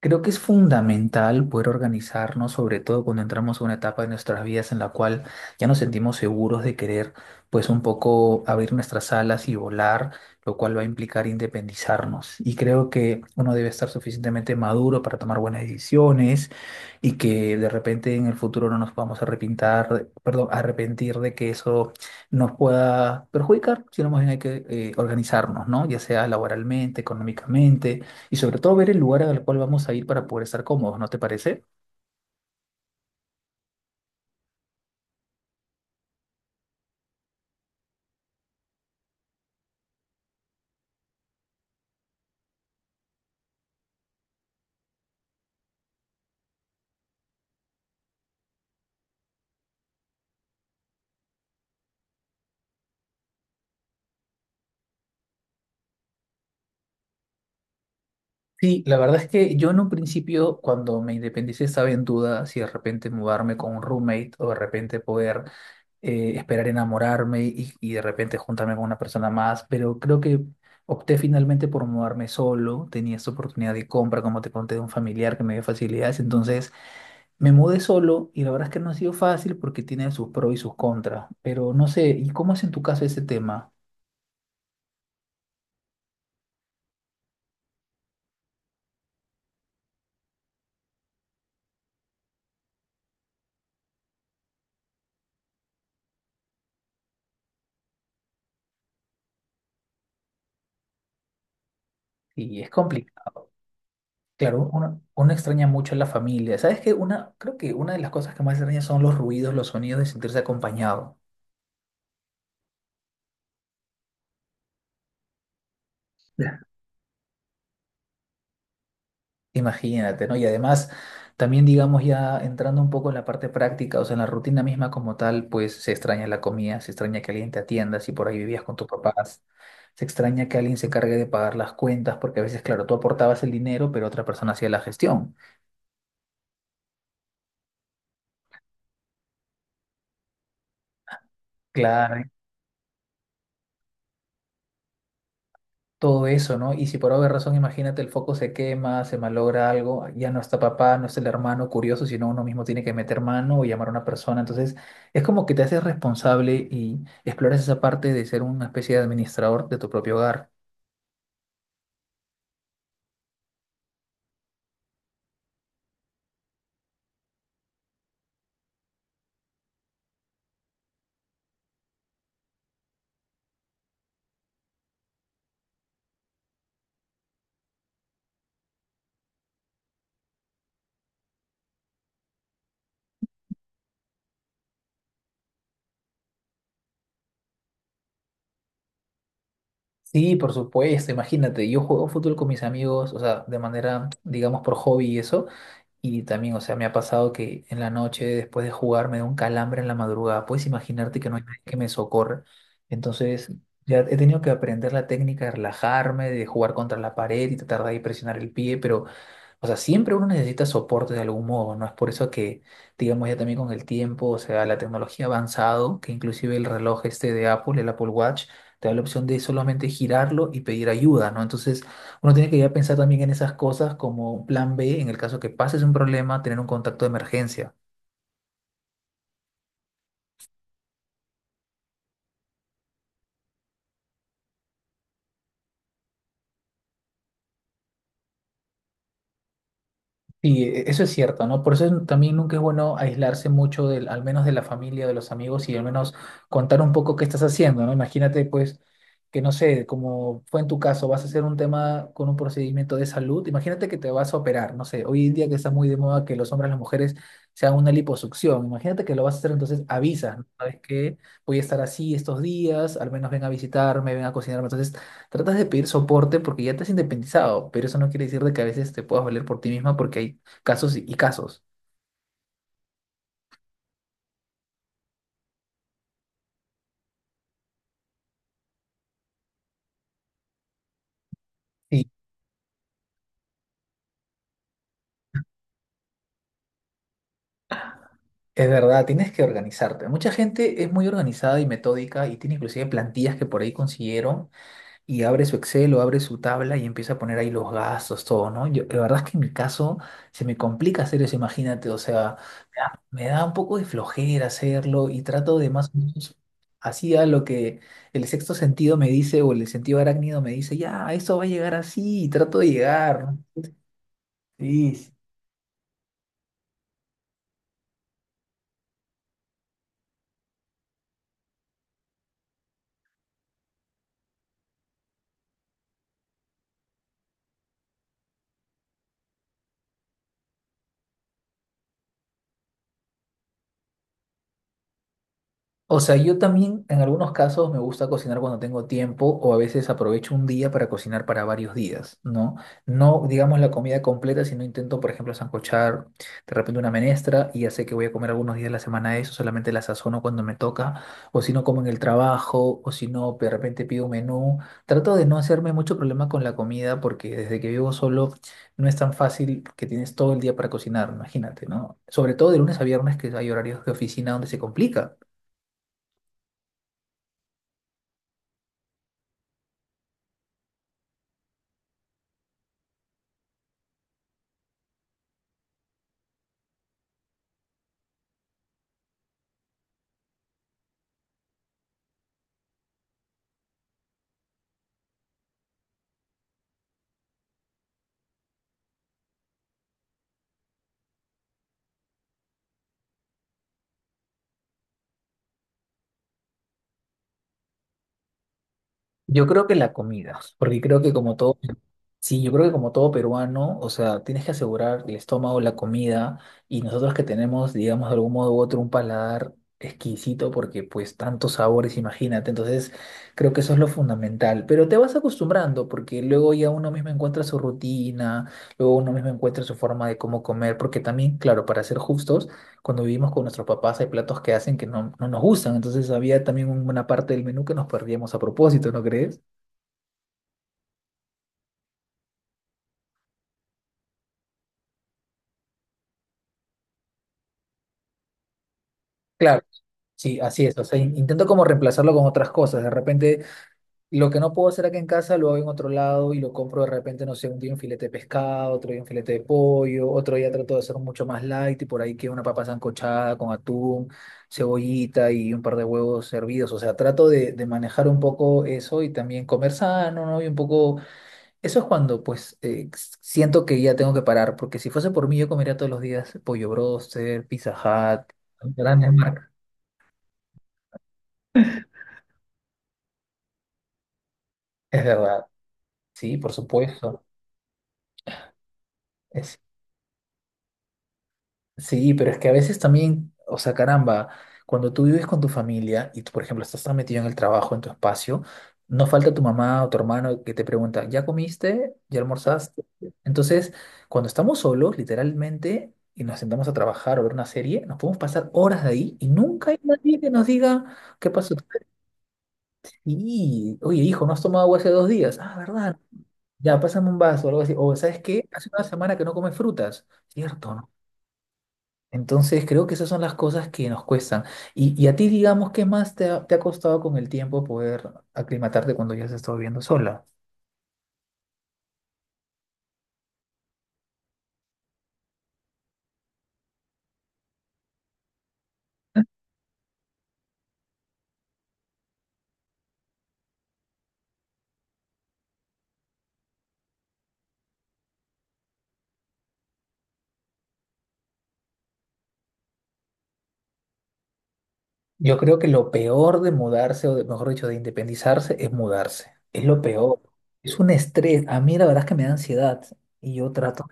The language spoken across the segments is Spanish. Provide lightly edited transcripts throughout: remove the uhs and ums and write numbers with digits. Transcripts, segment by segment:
Creo que es fundamental poder organizarnos, sobre todo cuando entramos a una etapa de nuestras vidas en la cual ya nos sentimos seguros de querer, pues un poco abrir nuestras alas y volar, lo cual va a implicar independizarnos. Y creo que uno debe estar suficientemente maduro para tomar buenas decisiones y que de repente en el futuro no nos podamos arrepintar, perdón, arrepentir de que eso nos pueda perjudicar, sino más bien hay que organizarnos, ¿no? Ya sea laboralmente, económicamente y sobre todo ver el lugar al cual vamos a ir para poder estar cómodos, ¿no te parece? Sí, la verdad es que yo en un principio, cuando me independicé, estaba en duda si de repente mudarme con un roommate o de repente poder esperar enamorarme y de repente juntarme con una persona más, pero creo que opté finalmente por mudarme solo, tenía esta oportunidad de compra, como te conté, de un familiar que me dio facilidades, entonces me mudé solo y la verdad es que no ha sido fácil porque tiene sus pros y sus contras, pero no sé, ¿y cómo es en tu caso ese tema? Y es complicado. Claro, uno extraña mucho a la familia. ¿Sabes qué? Una, creo que una de las cosas que más extraña son los ruidos, los sonidos de sentirse acompañado. Ya. Imagínate, ¿no? Y además, también digamos ya entrando un poco en la parte práctica, o sea, en la rutina misma como tal, pues se extraña la comida, se extraña que alguien te atienda si por ahí vivías con tus papás, se extraña que alguien se encargue de pagar las cuentas, porque a veces, claro, tú aportabas el dinero, pero otra persona hacía la gestión. Claro, todo eso, ¿no? Y si por alguna razón, imagínate, el foco se quema, se malogra algo, ya no está papá, no está el hermano curioso, sino uno mismo tiene que meter mano o llamar a una persona. Entonces, es como que te haces responsable y exploras esa parte de ser una especie de administrador de tu propio hogar. Sí, por supuesto, imagínate, yo juego fútbol con mis amigos, o sea, de manera, digamos, por hobby y eso, y también, o sea, me ha pasado que en la noche, después de jugar, me da un calambre en la madrugada, puedes imaginarte que no hay nadie que me socorra, entonces ya he tenido que aprender la técnica de relajarme, de jugar contra la pared y tratar de ahí presionar el pie, pero o sea, siempre uno necesita soporte de algún modo, ¿no? Es por eso que, digamos, ya también con el tiempo, o sea, la tecnología ha avanzado, que inclusive el reloj este de Apple, el Apple Watch, te da la opción de solamente girarlo y pedir ayuda, ¿no? Entonces, uno tiene que ya pensar también en esas cosas como un plan B, en el caso que pases un problema, tener un contacto de emergencia. Sí, eso es cierto, ¿no? Por eso también nunca es bueno aislarse mucho del, al menos de la familia, de los amigos y al menos contar un poco qué estás haciendo, ¿no? Imagínate, pues, que no sé, como fue en tu caso, vas a hacer un tema con un procedimiento de salud. Imagínate que te vas a operar, no sé, hoy en día que está muy de moda que los hombres, las mujeres se hagan una liposucción. Imagínate que lo vas a hacer, entonces avisas, ¿no? ¿Sabes qué? Voy a estar así estos días, al menos ven a visitarme, ven a cocinarme. Entonces tratas de pedir soporte porque ya te has independizado, pero eso no quiere decir de que a veces te puedas valer por ti misma porque hay casos y casos. Sí, es verdad, tienes que organizarte. Mucha gente es muy organizada y metódica y tiene inclusive plantillas que por ahí consiguieron y abre su Excel o abre su tabla y empieza a poner ahí los gastos, todo, ¿no? Yo, la verdad es que en mi caso se me complica hacer eso, imagínate, o sea, me da un poco de flojera hacerlo y trato de más o menos así a lo que el sexto sentido me dice o el sentido arácnido me dice, ya, esto va a llegar así y trato de llegar, ¿no? Sí. Sí. O sea, yo también en algunos casos me gusta cocinar cuando tengo tiempo o a veces aprovecho un día para cocinar para varios días, ¿no? No digamos la comida completa, sino intento, por ejemplo, sancochar de repente una menestra y ya sé que voy a comer algunos días de la semana eso, solamente la sazono cuando me toca, o si no como en el trabajo, o si no de repente pido un menú. Trato de no hacerme mucho problema con la comida porque desde que vivo solo no es tan fácil que tienes todo el día para cocinar, imagínate, ¿no? Sobre todo de lunes a viernes que hay horarios de oficina donde se complica. Yo creo que la comida, porque creo que como todo, sí, yo creo que como todo peruano, o sea, tienes que asegurar el estómago, la comida, y nosotros que tenemos, digamos, de algún modo u otro un paladar exquisito, porque pues tantos sabores, imagínate, entonces creo que eso es lo fundamental, pero te vas acostumbrando, porque luego ya uno mismo encuentra su rutina, luego uno mismo encuentra su forma de cómo comer, porque también, claro, para ser justos, cuando vivimos con nuestros papás hay platos que hacen que no, no nos gustan, entonces había también una parte del menú que nos perdíamos a propósito, ¿no crees? Claro, sí, así es, o sea, intento como reemplazarlo con otras cosas, de repente lo que no puedo hacer acá en casa lo hago en otro lado y lo compro de repente, no sé, un día un filete de pescado, otro día un filete de pollo, otro día trato de hacer mucho más light y por ahí que una papa sancochada con atún, cebollita y un par de huevos hervidos, o sea, trato de manejar un poco eso y también comer sano, ¿no? Y un poco eso es cuando, pues, siento que ya tengo que parar, porque si fuese por mí, yo comería todos los días pollo broster, Pizza Hut, ¿no? Grandes marcas. Es verdad, sí, por supuesto. Sí, pero es que a veces también, o sea, caramba, cuando tú vives con tu familia y tú, por ejemplo, estás tan metido en el trabajo, en tu espacio, no falta tu mamá o tu hermano que te pregunta, ¿ya comiste? ¿Ya almorzaste? Entonces, cuando estamos solos, literalmente, y nos sentamos a trabajar o ver una serie, nos podemos pasar horas de ahí y nunca hay nadie que nos diga, ¿qué pasó? Y, oye, hijo, ¿no has tomado agua hace 2 días? Ah, ¿verdad? Ya, pásame un vaso o algo así. O, ¿sabes qué? Hace una semana que no comes frutas. Cierto, ¿no? Entonces creo que esas son las cosas que nos cuestan. Y a ti, digamos, ¿qué más te ha costado con el tiempo poder aclimatarte cuando ya has estado viviendo sola? Yo creo que lo peor de mudarse, o mejor dicho, de independizarse, es mudarse. Es lo peor. Es un estrés. A mí la verdad es que me da ansiedad y yo trato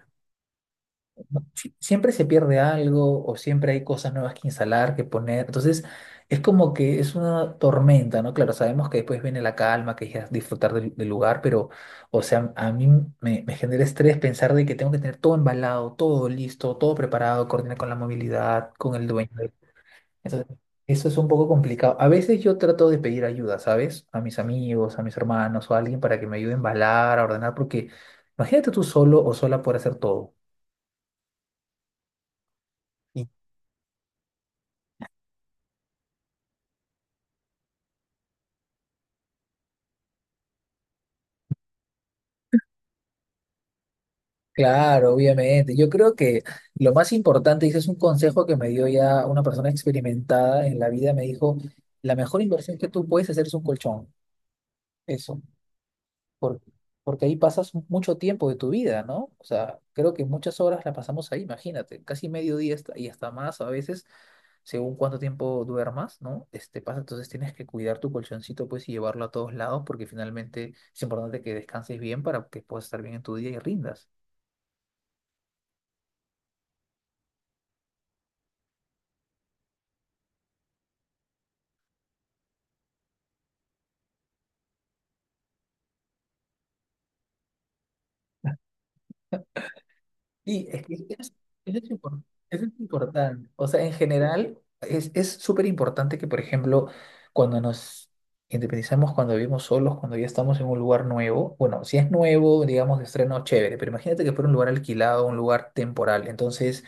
siempre se pierde algo o siempre hay cosas nuevas que instalar, que poner. Entonces, es como que es una tormenta, ¿no? Claro, sabemos que después viene la calma, que es disfrutar del lugar, pero, o sea, a mí me genera estrés pensar de que tengo que tener todo embalado, todo listo, todo preparado, coordinar con la movilidad, con el dueño. Entonces, eso es un poco complicado. A veces yo trato de pedir ayuda, ¿sabes? A mis amigos, a mis hermanos o a alguien para que me ayude a embalar, a ordenar, porque imagínate tú solo o sola por hacer todo. Claro, obviamente. Yo creo que lo más importante, y ese es un consejo que me dio ya una persona experimentada en la vida, me dijo, la mejor inversión que tú puedes hacer es un colchón, eso, por- porque ahí pasas mucho tiempo de tu vida, ¿no? O sea, creo que muchas horas la pasamos ahí, imagínate, casi medio día hasta- y hasta más a veces, según cuánto tiempo duermas, ¿no? Este pasa, entonces tienes que cuidar tu colchoncito, pues, y llevarlo a todos lados, porque finalmente es importante que descanses bien para que puedas estar bien en tu día y rindas. Sí, es que eso es, eso es impor- eso es importante. O sea, en general, es súper importante que, por ejemplo, cuando nos independizamos, cuando vivimos solos, cuando ya estamos en un lugar nuevo, bueno, si es nuevo, digamos, de estreno, chévere, pero imagínate que fuera un lugar alquilado, un lugar temporal. Entonces,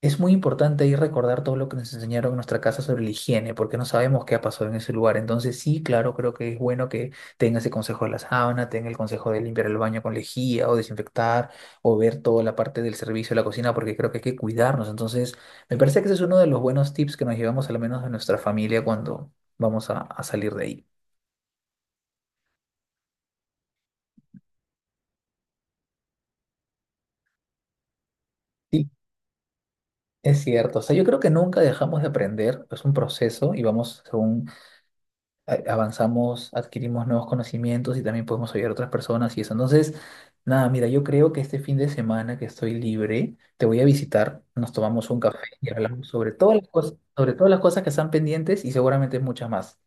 es muy importante ahí recordar todo lo que nos enseñaron en nuestra casa sobre la higiene, porque no sabemos qué ha pasado en ese lugar. Entonces, sí, claro, creo que es bueno que tenga ese consejo de la sábana, tenga el consejo de limpiar el baño con lejía o desinfectar o ver toda la parte del servicio de la cocina, porque creo que hay que cuidarnos. Entonces, me parece que ese es uno de los buenos tips que nos llevamos al menos de nuestra familia cuando vamos a salir de ahí. Sí, es cierto. O sea, yo creo que nunca dejamos de aprender, es un proceso y vamos según avanzamos, adquirimos nuevos conocimientos y también podemos ayudar a otras personas y eso. Entonces, nada, mira, yo creo que este fin de semana que estoy libre, te voy a visitar, nos tomamos un café y hablamos sobre todas las cosas, sobre todas las cosas que están pendientes y seguramente muchas más.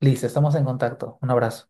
Listo, estamos en contacto. Un abrazo.